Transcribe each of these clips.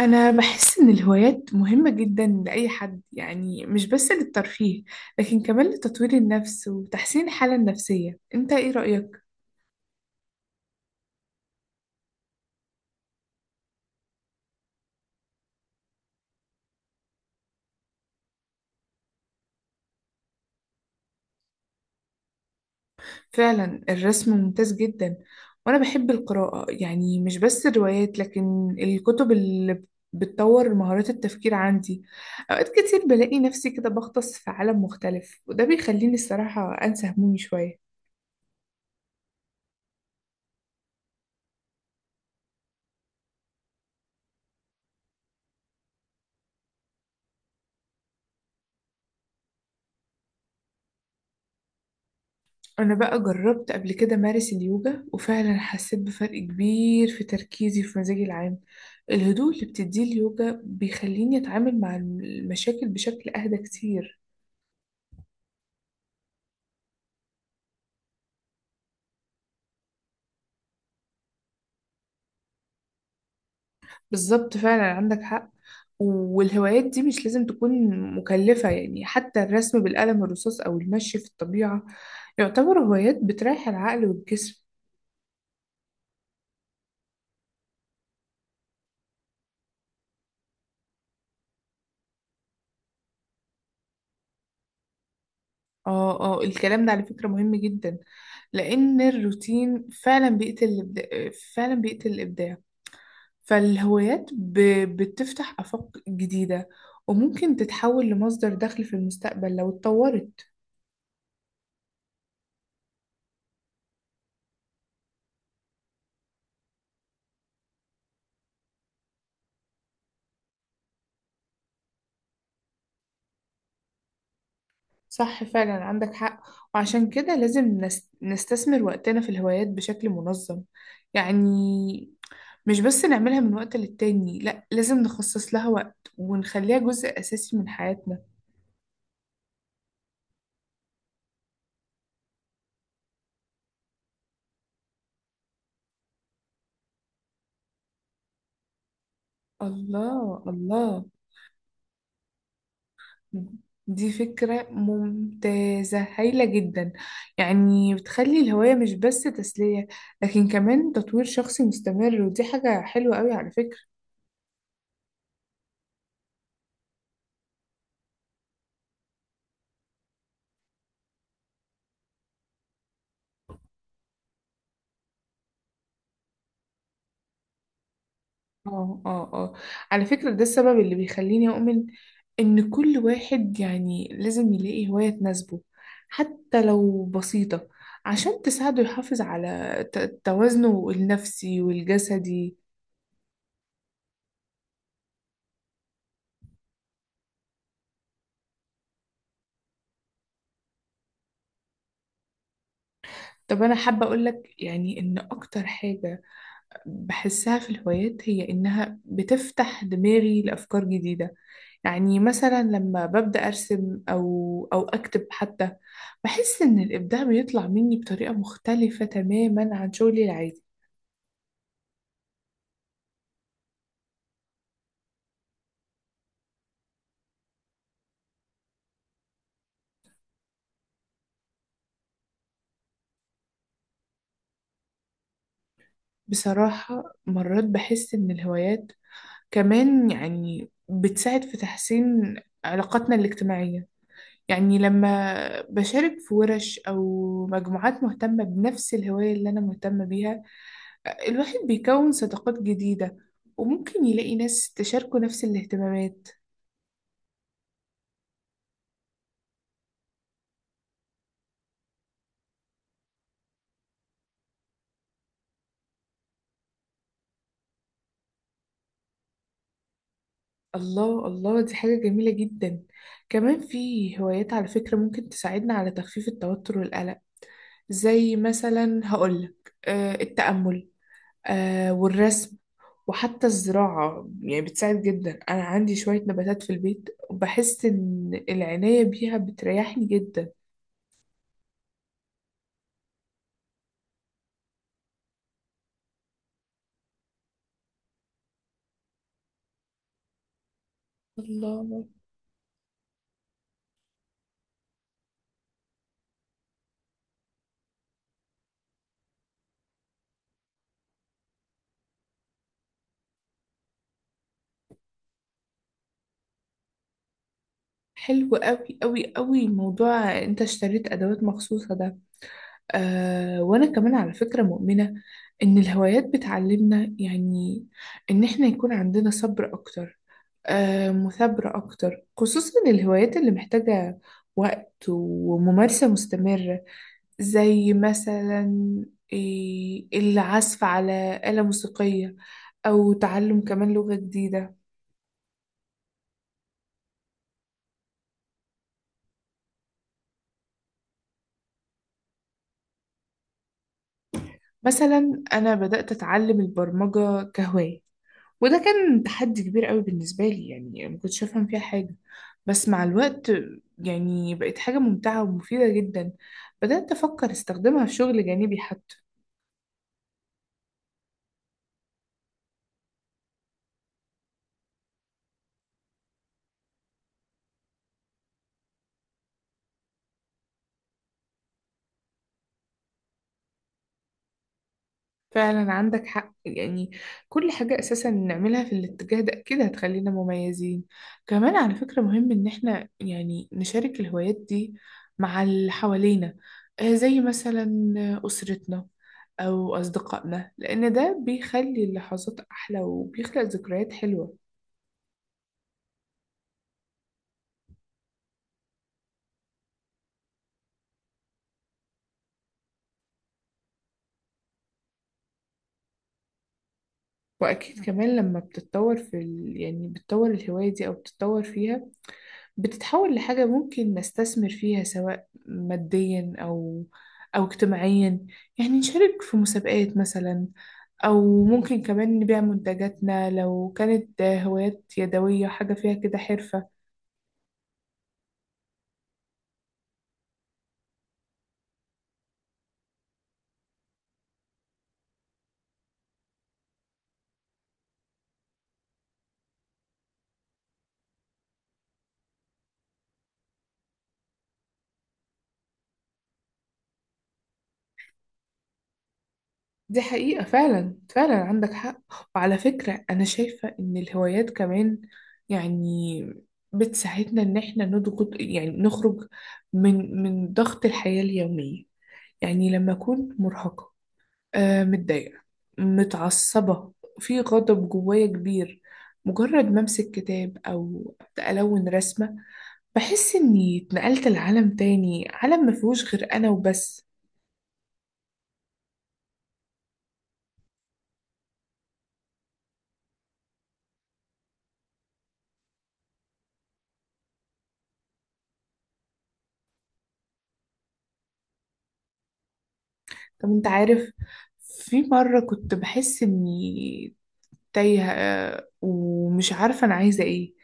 أنا بحس إن الهوايات مهمة جدا لأي حد، يعني مش بس للترفيه، لكن كمان لتطوير النفس وتحسين الحالة النفسية. أنت إيه رأيك؟ فعلا الرسم ممتاز جدا، وأنا بحب القراءة، يعني مش بس الروايات لكن الكتب اللي بتطور مهارات التفكير عندي. أوقات كتير بلاقي نفسي كده بغطس في عالم مختلف، وده بيخليني الصراحة أنسى همومي شوية. أنا بقى جربت قبل كده مارس اليوجا، وفعلا حسيت بفرق كبير في تركيزي وفي مزاجي العام. الهدوء اللي بتديه اليوجا بيخليني أتعامل مع المشاكل بشكل أهدى كتير. بالظبط، فعلا عندك حق. والهوايات دي مش لازم تكون مكلفة، يعني حتى الرسم بالقلم الرصاص أو المشي في الطبيعة يعتبر هوايات بتريح العقل والجسم. اه، اه، الكلام ده على فكرة مهم جدا، لأن الروتين فعلا بيقتل الإبداع. فعلا بيقتل الإبداع. فالهوايات بتفتح آفاق جديدة، وممكن تتحول لمصدر دخل في المستقبل لو اتطورت. صح، فعلا عندك حق. وعشان كده لازم نستثمر وقتنا في الهوايات بشكل منظم. يعني مش بس نعملها من وقت للتاني، لا، لازم نخصص لها وقت ونخليها جزء أساسي من حياتنا. الله، الله، دي فكرة ممتازة هايلة جدا. يعني بتخلي الهواية مش بس تسلية، لكن كمان تطوير شخصي مستمر، ودي حاجة حلوة قوي على فكرة. اه، اه، اه، على فكرة ده السبب اللي بيخليني أؤمن إن كل واحد يعني لازم يلاقي هواية تناسبه، حتى لو بسيطة، عشان تساعده يحافظ على توازنه النفسي والجسدي. طب أنا حابة أقولك يعني إن أكتر حاجة بحسها في الهوايات هي إنها بتفتح دماغي لأفكار جديدة. يعني مثلا لما ببدأ أرسم أو أكتب حتى، بحس إن الإبداع بيطلع مني بطريقة مختلفة تماما عن شغلي العادي. بصراحة مرات بحس إن الهوايات كمان يعني بتساعد في تحسين علاقاتنا الاجتماعية. يعني لما بشارك في ورش أو مجموعات مهتمة بنفس الهواية اللي أنا مهتمة بيها، الواحد بيكون صداقات جديدة، وممكن يلاقي ناس تشاركه نفس الاهتمامات. الله، الله، دي حاجة جميلة جدا. كمان في هوايات على فكرة ممكن تساعدنا على تخفيف التوتر والقلق، زي مثلا هقولك آه التأمل، آه والرسم، وحتى الزراعة يعني بتساعد جدا. أنا عندي شوية نباتات في البيت، وبحس إن العناية بيها بتريحني جدا. الله، حلو قوي قوي قوي موضوع انت اشتريت ادوات مخصوصة ده. آه، وأنا كمان على فكرة مؤمنة إن الهوايات بتعلمنا يعني إن إحنا يكون عندنا صبر أكتر، آه، مثابرة أكتر، خصوصا الهوايات اللي محتاجة وقت وممارسة مستمرة، زي مثلا إيه، العزف على آلة موسيقية، أو تعلم كمان لغة جديدة. مثلا أنا بدأت أتعلم البرمجة كهواية، وده كان تحدي كبير قوي بالنسبة لي، يعني ما كنتش أفهم فيها حاجة، بس مع الوقت يعني بقت حاجة ممتعة ومفيدة جدا. بدأت أفكر استخدمها في شغل جانبي حتى. فعلا عندك حق، يعني كل حاجة أساسا نعملها في الاتجاه ده أكيد هتخلينا مميزين. كمان على فكرة مهم إن إحنا يعني نشارك الهوايات دي مع اللي حوالينا، آه، زي مثلا أسرتنا أو أصدقائنا، لأن ده بيخلي اللحظات أحلى وبيخلق ذكريات حلوة. واكيد كمان لما بتتطور في يعني بتطور الهواية دي او بتتطور فيها، بتتحول لحاجة ممكن نستثمر فيها سواء ماديا او او اجتماعيا. يعني نشارك في مسابقات مثلا، او ممكن كمان نبيع منتجاتنا لو كانت هوايات يدوية، حاجة فيها كده حرفة. دي حقيقة، فعلا فعلا عندك حق. وعلى فكرة أنا شايفة إن الهوايات كمان يعني بتساعدنا إن إحنا نضغط، يعني نخرج من ضغط الحياة اليومية. يعني لما أكون مرهقة، آه، متضايقة، متعصبة، في غضب جوايا كبير، مجرد ما أمسك كتاب أو أبدأ ألون رسمة، بحس إني اتنقلت لعالم تاني، عالم مفيهوش غير أنا وبس. طب انت عارف، في مرة كنت بحس اني تايهة، آه، ومش عارفة انا عايزة ايه،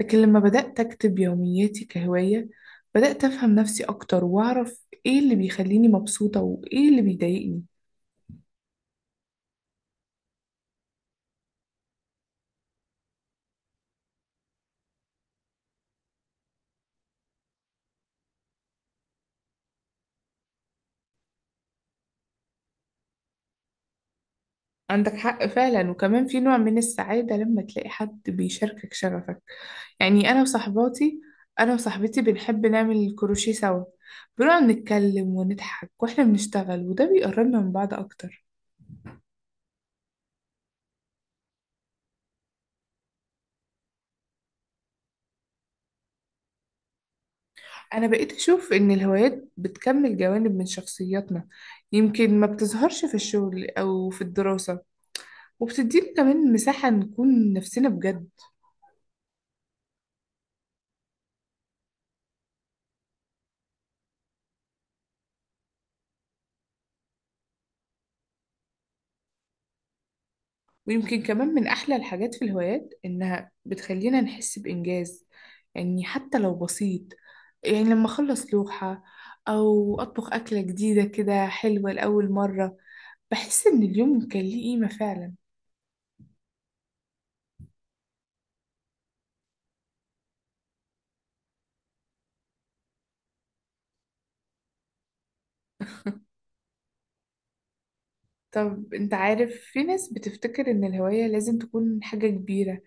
لكن لما بدأت اكتب يومياتي كهواية، بدأت افهم نفسي اكتر، واعرف ايه اللي بيخليني مبسوطة وايه اللي بيضايقني. عندك حق فعلا. وكمان في نوع من السعادة لما تلاقي حد بيشاركك شغفك. يعني انا وصحباتي، انا وصاحبتي بنحب نعمل الكروشيه سوا، بنقعد نتكلم ونضحك واحنا بنشتغل، وده بيقربنا من بعض اكتر. أنا بقيت أشوف إن الهوايات بتكمل جوانب من شخصياتنا يمكن ما بتظهرش في الشغل أو في الدراسة، وبتدينا كمان مساحة نكون نفسنا بجد. ويمكن كمان من أحلى الحاجات في الهوايات إنها بتخلينا نحس بإنجاز، يعني حتى لو بسيط. يعني لما أخلص لوحة، أو أطبخ أكلة جديدة كده حلوة لأول مرة، بحس إن اليوم كان ليه قيمة فعلا. طب أنت عارف، في ناس بتفتكر إن الهواية لازم تكون حاجة كبيرة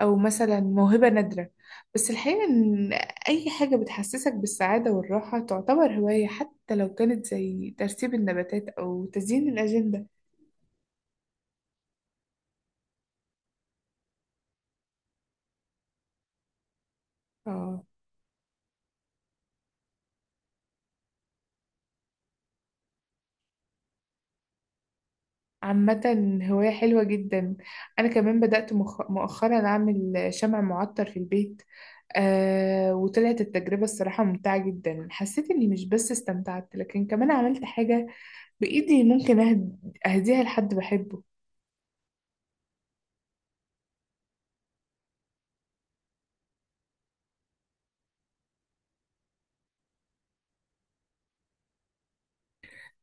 أو مثلا موهبة نادرة، بس الحقيقة إن أي حاجة بتحسسك بالسعادة والراحة تعتبر هواية، حتى لو كانت زي ترتيب النباتات أو تزيين الأجندة. آه، عامة هواية حلوة جدا. أنا كمان بدأت مؤخرا أعمل شمع معطر في البيت، آه، وطلعت التجربة الصراحة ممتعة جدا. حسيت إني مش بس استمتعت، لكن كمان عملت حاجة بإيدي ممكن أهديها لحد بحبه.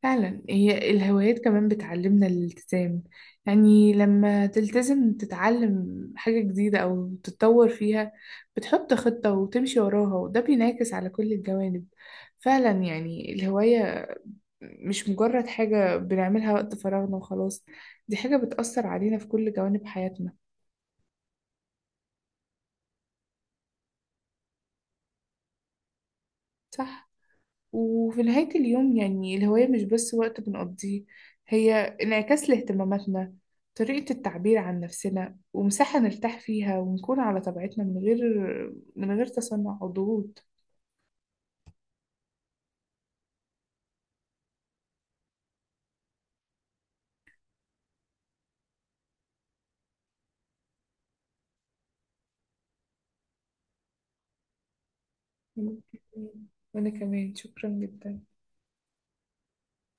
فعلا، هي الهوايات كمان بتعلمنا الالتزام. يعني لما تلتزم تتعلم حاجة جديدة أو تتطور فيها، بتحط خطة وتمشي وراها، وده بينعكس على كل الجوانب. فعلا يعني الهواية مش مجرد حاجة بنعملها وقت فراغنا وخلاص، دي حاجة بتأثر علينا في كل جوانب حياتنا. صح؟ وفي نهاية اليوم يعني الهواية مش بس وقت بنقضيه، هي انعكاس لاهتماماتنا، طريقة التعبير عن نفسنا، ومساحة نرتاح فيها ونكون على طبيعتنا من غير من غير تصنع أو ضغوط. وأنا كمان شكرا جدا.